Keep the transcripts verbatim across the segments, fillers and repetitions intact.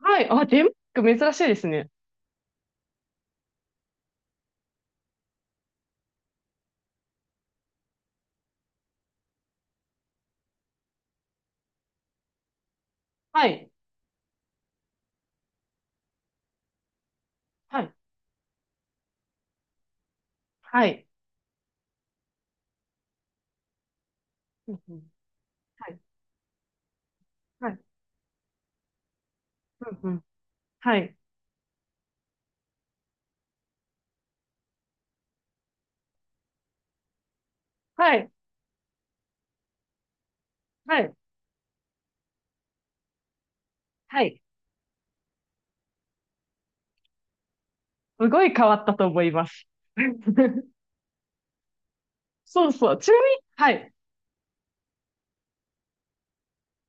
はい。あ、デンマーク珍しいですね。はい。はい。はい。うんうん。はい。はい。うんうん。はい。はい。はい。はい。すごい変わったと思います。そうそう。ちなみに、はい。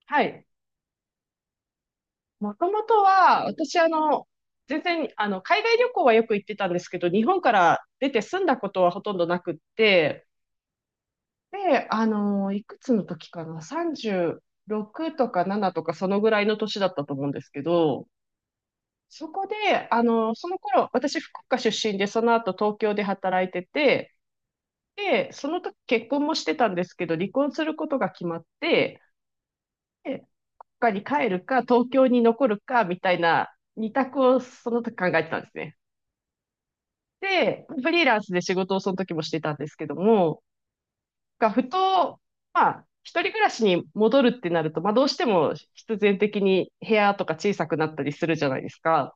はい。もともとは、私、あの、全然、あの、海外旅行はよく行ってたんですけど、日本から出て住んだことはほとんどなくって、で、あの、いくつの時かな、さんじゅうろくとかななとか、そのぐらいの年だったと思うんですけど、そこで、あの、その頃、私、福岡出身で、その後、東京で働いてて、で、その時結婚もしてたんですけど、離婚することが決まって、で、福岡に帰るか、東京に残るか、みたいな、二択をその時考えてたんですね。で、フリーランスで仕事をその時もしてたんですけども、がふと、まあ、一人暮らしに戻るってなると、まあ、どうしても必然的に部屋とか小さくなったりするじゃないですか。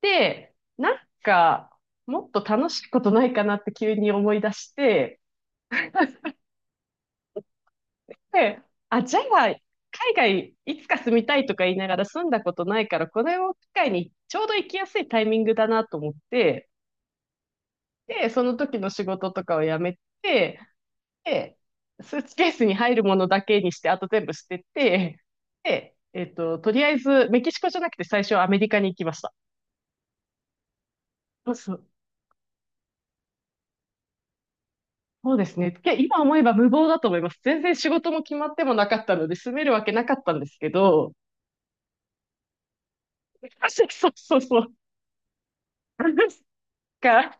で、なんか、もっと楽しいことないかなって急に思い出して、で、あ、じゃあ、海外いつか住みたいとか言いながら住んだことないから、これを機会にちょうど行きやすいタイミングだなと思って、で、その時の仕事とかを辞めて、で、スーツケースに入るものだけにして、あと全部捨てて、で、えっと、とりあえずメキシコじゃなくて最初はアメリカに行きました。そうそうそうですね。け今思えば無謀だと思います。全然仕事も決まってもなかったので、住めるわけなかったんですけど、そうそうそう。なんか、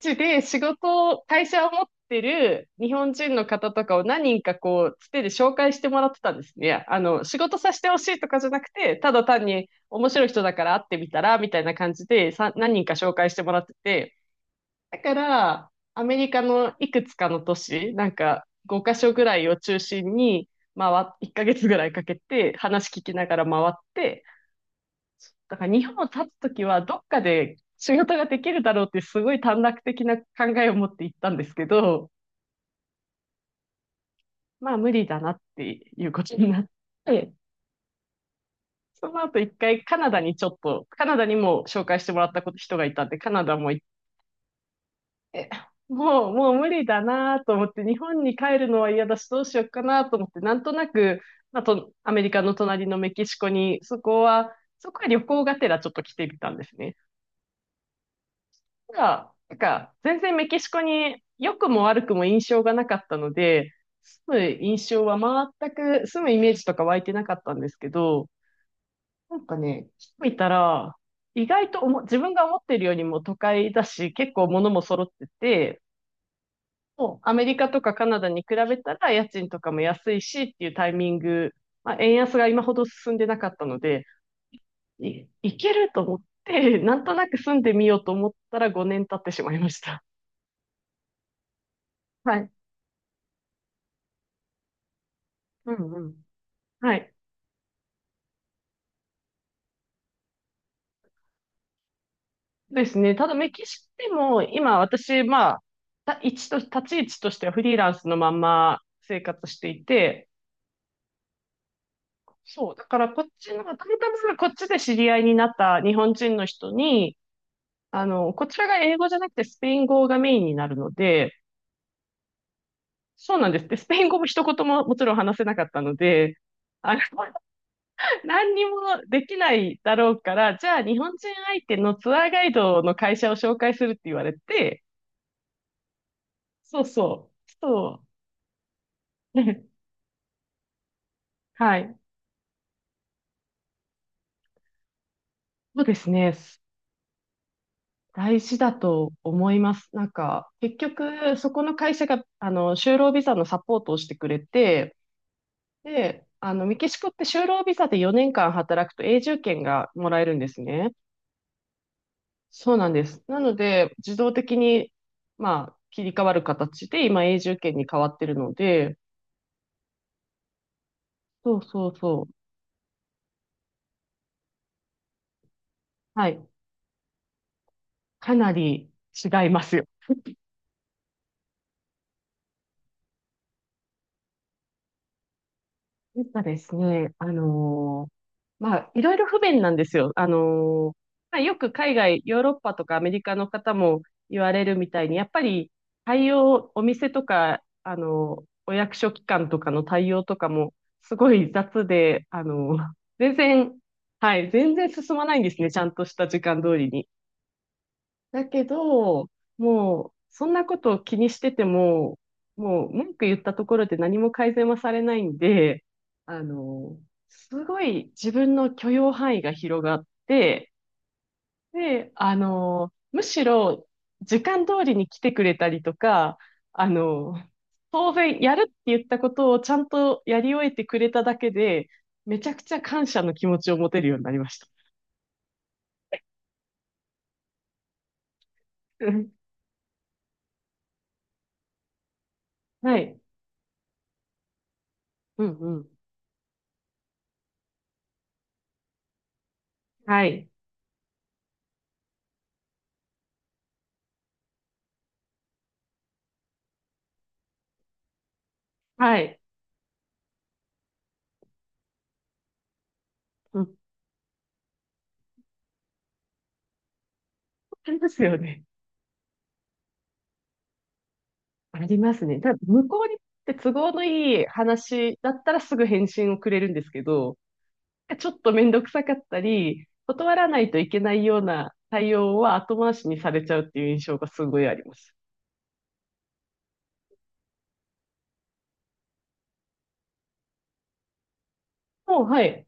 ちで仕事を、会社を持ってる日本人の方とかを何人かこう、つてで紹介してもらってたんですね。あの、仕事させてほしいとかじゃなくて、ただ単に面白い人だから会ってみたら、みたいな感じでさ、何人か紹介してもらってて、だから、アメリカのいくつかの都市、なんかごカ所ぐらいを中心に回っ、いっかげつぐらいかけて話聞きながら回って、だから日本を立つときはどっかで仕事ができるだろうってすごい短絡的な考えを持って行ったんですけど、まあ無理だなっていうことになって、その後一回カナダにちょっと、カナダにも紹介してもらったこと人がいたんで、カナダももう、もう無理だなと思って、日本に帰るのは嫌だし、どうしようかなと思って、なんとなく、まあと、アメリカの隣のメキシコに、そこは、そこは旅行がてらちょっと来てみたんですね。ただ、なんか、全然メキシコに良くも悪くも印象がなかったので、住む印象は全く、住むイメージとか湧いてなかったんですけど、なんかね、来てみたら、意外とおも自分が思ってるよりも都会だし、結構物も揃ってて、アメリカとかカナダに比べたら家賃とかも安いしっていうタイミング、まあ、円安が今ほど進んでなかったので、い、いけると思って、なんとなく住んでみようと思ったらごねん経ってしまいました。はい。うんうん。はい。ですね。ただメキシコでも今私、まあ、た一と、立ち位置としてはフリーランスのまんま生活していて、そう、だからこっちの、たまたまこっちで知り合いになった日本人の人に、あの、こちらが英語じゃなくてスペイン語がメインになるので、そうなんです。で、スペイン語も一言ももちろん話せなかったので、あの、何にもできないだろうから、じゃあ日本人相手のツアーガイドの会社を紹介するって言われて、そうそう、そう、はい。そうですね。大事だと思います。なんか、結局、そこの会社が、あの、就労ビザのサポートをしてくれて、で、あの、メキシコって就労ビザでよねんかん働くと永住権がもらえるんですね。そうなんです。なので、自動的に、まあ、切り替わる形で、今、永住権に変わってるので、そうそうそう。はい。かなり違いますよ。やっぱですね、あのーまあ、いろいろ不便なんですよ。あのーまあ、よく海外、ヨーロッパとかアメリカの方も言われるみたいに、やっぱり対応、お店とか、あのーお役所機関とかの対応とかも、すごい雑で、あのー全然、はい、全然進まないんですね、ちゃんとした時間通りに。だけど、もう、そんなことを気にしてても、もう文句言ったところで何も改善はされないんで、あの、すごい自分の許容範囲が広がって、で、あの、むしろ時間通りに来てくれたりとか、あの、当然やるって言ったことをちゃんとやり終えてくれただけで、めちゃくちゃ感謝の気持ちを持てるようになりました。うんはい。うんうん。はい。はい。うんありますよね。ありますね。ただ、向こうにとって都合のいい話だったらすぐ返信をくれるんですけど、ちょっとめんどくさかったり、断らないといけないような対応は後回しにされちゃうっていう印象がすごいあります。もう、はい。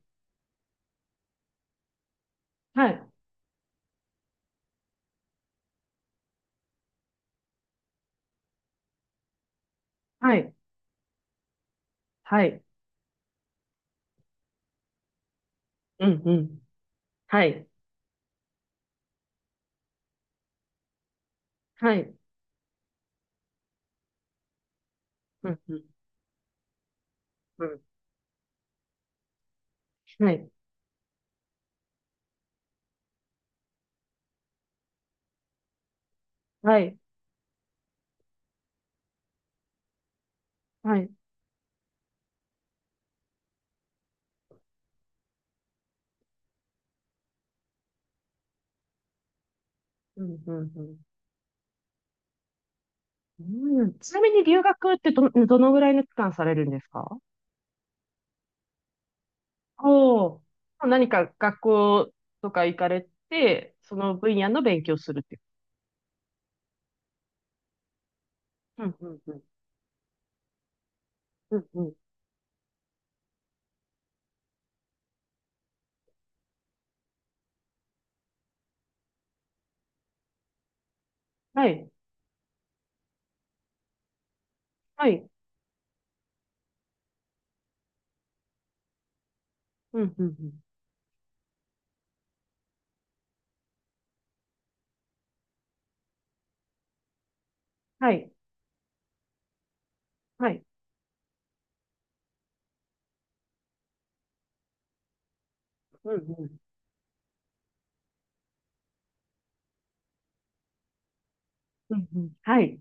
はい。はい。はい。うん、うん。はい。はい。うん、うん、うん。はい。はい。はい。うん、うん、うん。うんちなみに留学ってど、どのぐらいの期間されるんですか？おお、何か学校とか行かれて、その分野の勉強するっていう。うん、うん、うん、うん、うん。はい、はい、うん、うん、うん。はい、はい、うん、うん、うん、うん。はい、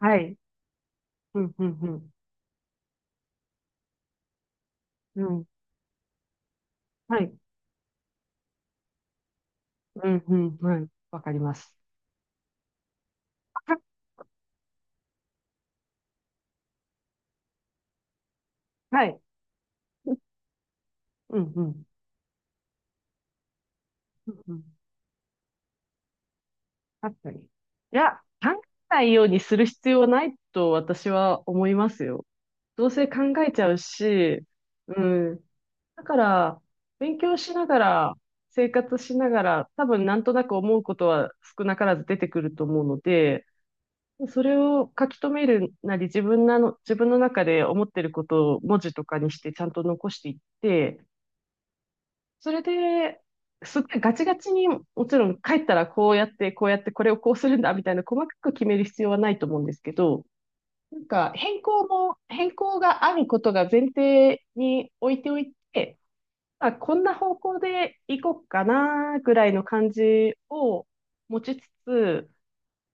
はい、うん、うん、うん、うん。はい、うん、うん、はい。わかります。はい、うん、うん、うん、うん。確かに。いや、考えないようにする必要はないと私は思いますよ。どうせ考えちゃうし、うん。だから、勉強しながら、生活しながら、多分なんとなく思うことは少なからず出てくると思うので、それを書き留めるなり、自分なの、自分の中で思ってることを文字とかにしてちゃんと残していって、それで、すごいガチガチに、もちろん帰ったらこうやって、こうやって、これをこうするんだ、みたいな細かく決める必要はないと思うんですけど、なんか変更も、変更があることが前提に置いておいて、あ、こんな方向で行こうかな、ぐらいの感じを持ちつつ、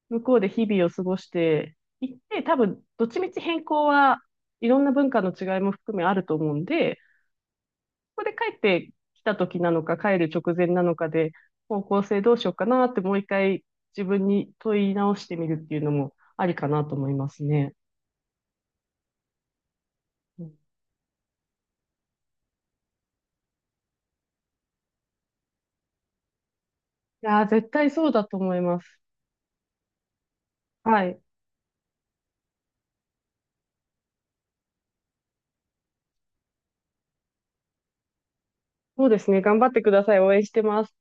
向こうで日々を過ごしていって、多分、どっちみち変更はいろんな文化の違いも含めあると思うんで、ここで帰ってきた時なのか、帰る直前なのかで、方向性どうしようかなって、もう一回自分に問い直してみるっていうのもありかなと思いますね。うんいやー、絶対そうだと思います。はい。そうですね。頑張ってください。応援してます。